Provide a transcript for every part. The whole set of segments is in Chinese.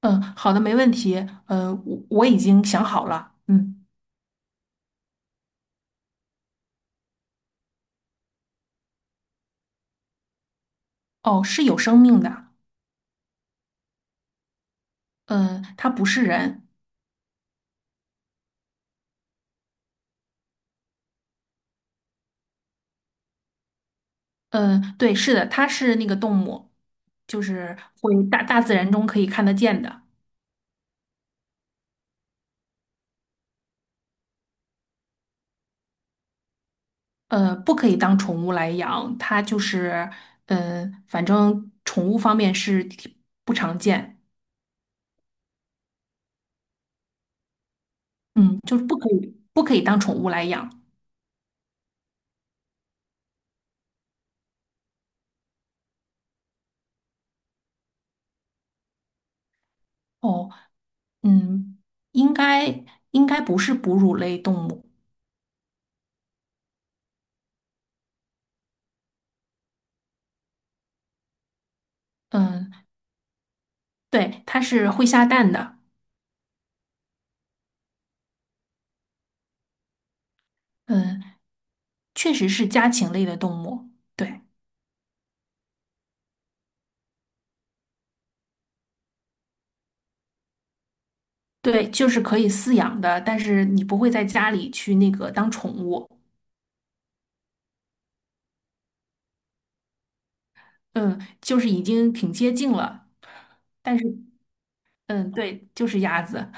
嗯，好的，没问题。我已经想好了。嗯，哦，是有生命的。嗯，它不是人。嗯，对，是的，它是那个动物，就是会大自然中可以看得见的。不可以当宠物来养，它就是，嗯，反正宠物方面是挺不常见。嗯，就是不可以当宠物来养。哦，嗯，应该应该不是哺乳类动物。嗯，对，它是会下蛋的。嗯。确实是家禽类的动物，对对，就是可以饲养的，但是你不会在家里去那个当宠物。嗯，就是已经挺接近了，但是嗯，对，就是鸭子。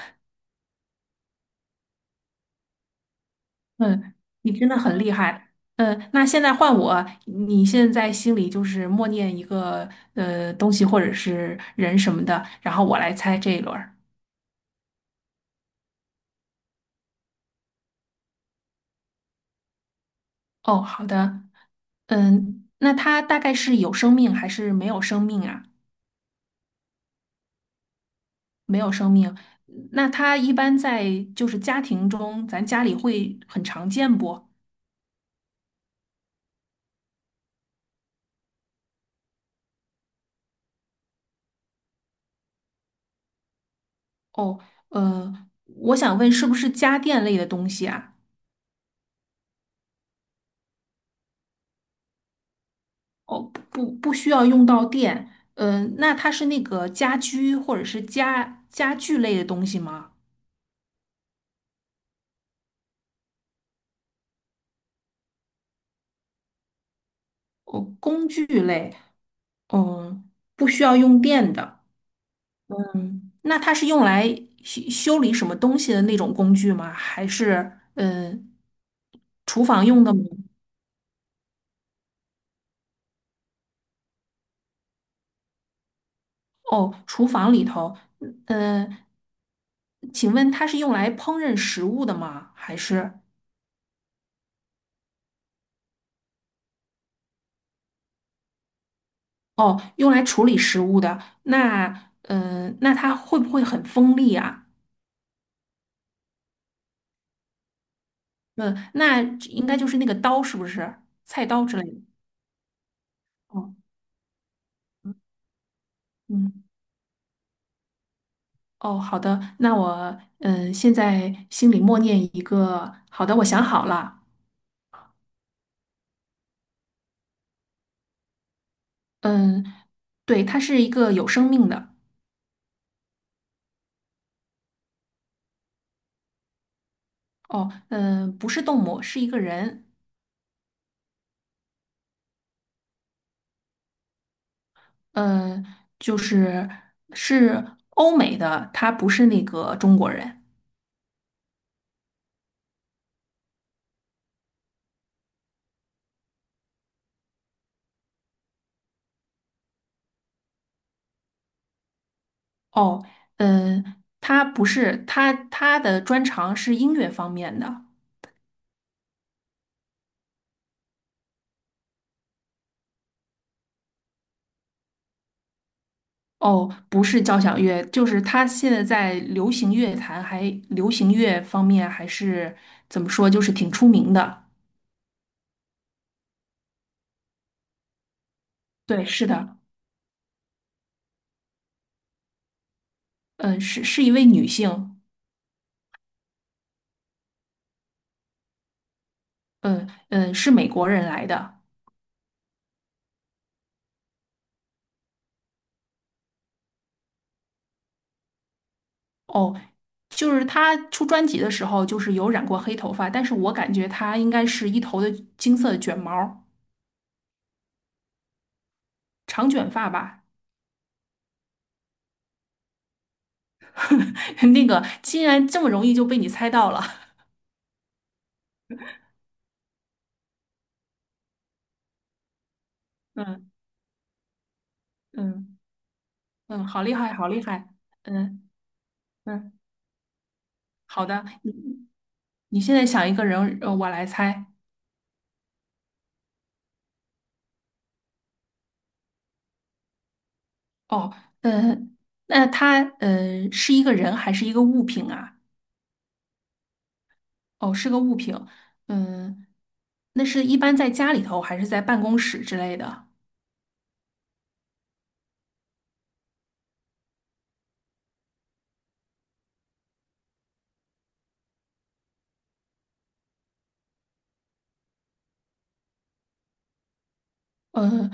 嗯，你真的很厉害。嗯，那现在换我，你现在心里就是默念一个东西或者是人什么的，然后我来猜这一轮儿。哦，好的。嗯，那它大概是有生命还是没有生命啊？没有生命。那它一般在就是家庭中，咱家里会很常见不？哦，我想问，是不是家电类的东西啊？哦，不不，需要用到电。嗯，那它是那个家居或者是家具类的东西吗？哦，工具类，嗯，不需要用电的。嗯，那它是用来修理什么东西的那种工具吗？还是厨房用的吗？哦，厨房里头，嗯，请问它是用来烹饪食物的吗？还是哦，用来处理食物的？那，嗯，那它会不会很锋利啊？嗯，那应该就是那个刀，是不是？菜刀之类的。哦，嗯，哦，好的，那我，嗯，现在心里默念一个，好的，我想好了。嗯，对，它是一个有生命的。哦，嗯，不是动物，是一个人。呃，就是是欧美的，他不是那个中国人。哦，呃，他不是他的专长是音乐方面的。哦，不是交响乐，就是他现在在流行乐坛还流行乐方面还是怎么说，就是挺出名的。对，是的。嗯、是一位女性。嗯、是美国人来的。哦，就是他出专辑的时候，就是有染过黑头发，但是我感觉他应该是一头的金色的卷毛儿长卷发吧。那个竟然这么容易就被你猜到了。嗯嗯嗯,好厉害，好厉害。嗯嗯，好的，你现在想一个人，呃，我来猜。哦，呃，那他是一个人还是一个物品啊？哦，是个物品。嗯，那是一般在家里头还是在办公室之类的？嗯。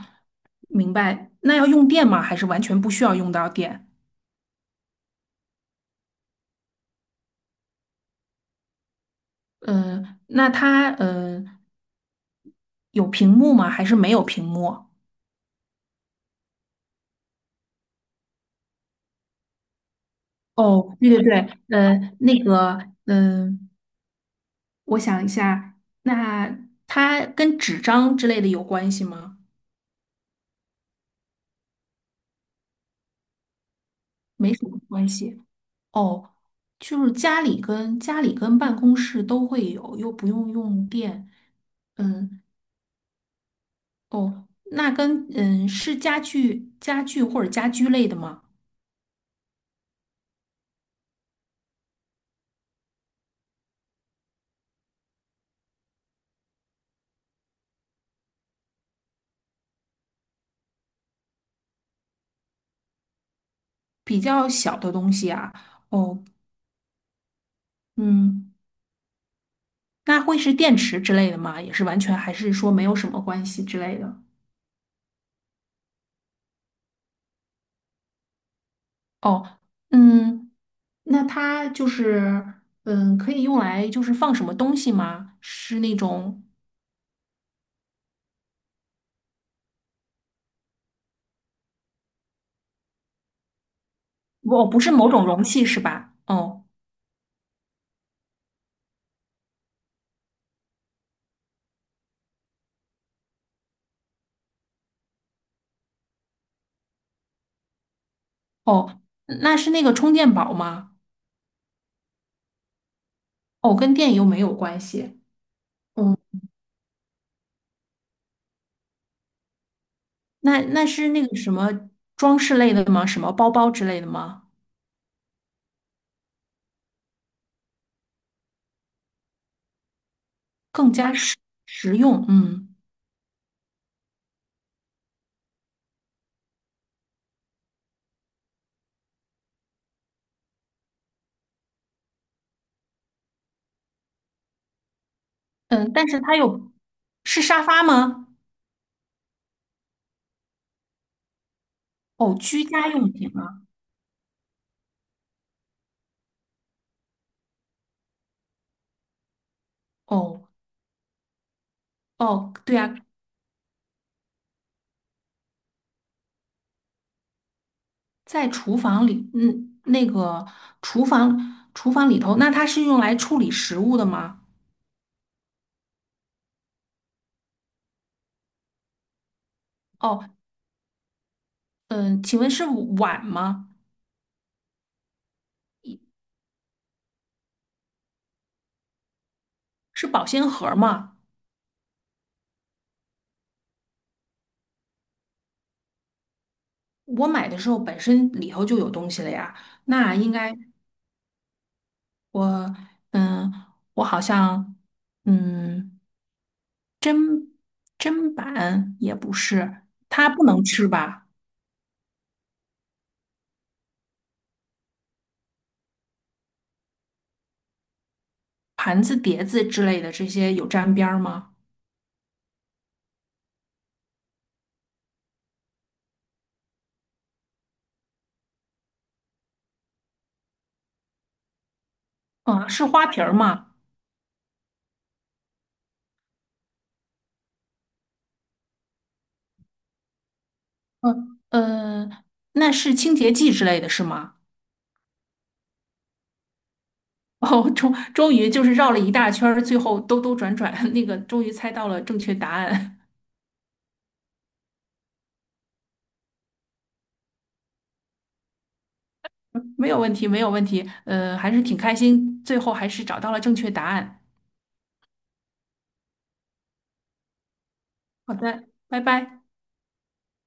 明白。那要用电吗？还是完全不需要用到电？嗯、那它有屏幕吗？还是没有屏幕？哦，对对对，那个，嗯、我想一下，那它跟纸张之类的有关系吗？没什么关系。哦，就是家里跟办公室都会有，又不用用电。嗯，哦，那跟是家具或者家居类的吗？比较小的东西啊，哦，嗯，那会是电池之类的吗？也是完全还是说没有什么关系之类的？哦，嗯，那它就是，嗯，可以用来就是放什么东西吗？是那种，哦，不是某种容器是吧？哦哦，嗯那是那个充电宝吗？哦，跟电又没有关系。嗯，那那是那个什么装饰类的吗？什么包包之类的吗？更加实用，嗯。嗯，但是它有，是沙发吗？哦，居家用品啊。哦哦，对啊，在厨房里，嗯，那个厨房里头，那它是用来处理食物的吗？哦，嗯，请问是碗吗？是保鲜盒吗？我买的时候本身里头就有东西了呀，那应该我嗯，我好像嗯，砧砧板也不是，它不能吃吧？盘子、碟子之类的这些有沾边儿吗？嗯，是花瓶儿吗？嗯，呃，那是清洁剂之类的是吗？哦，终于就是绕了一大圈儿，最后兜兜转转，那个终于猜到了正确答案。没有问题，没有问题，还是挺开心，最后还是找到了正确答案。好的，拜拜。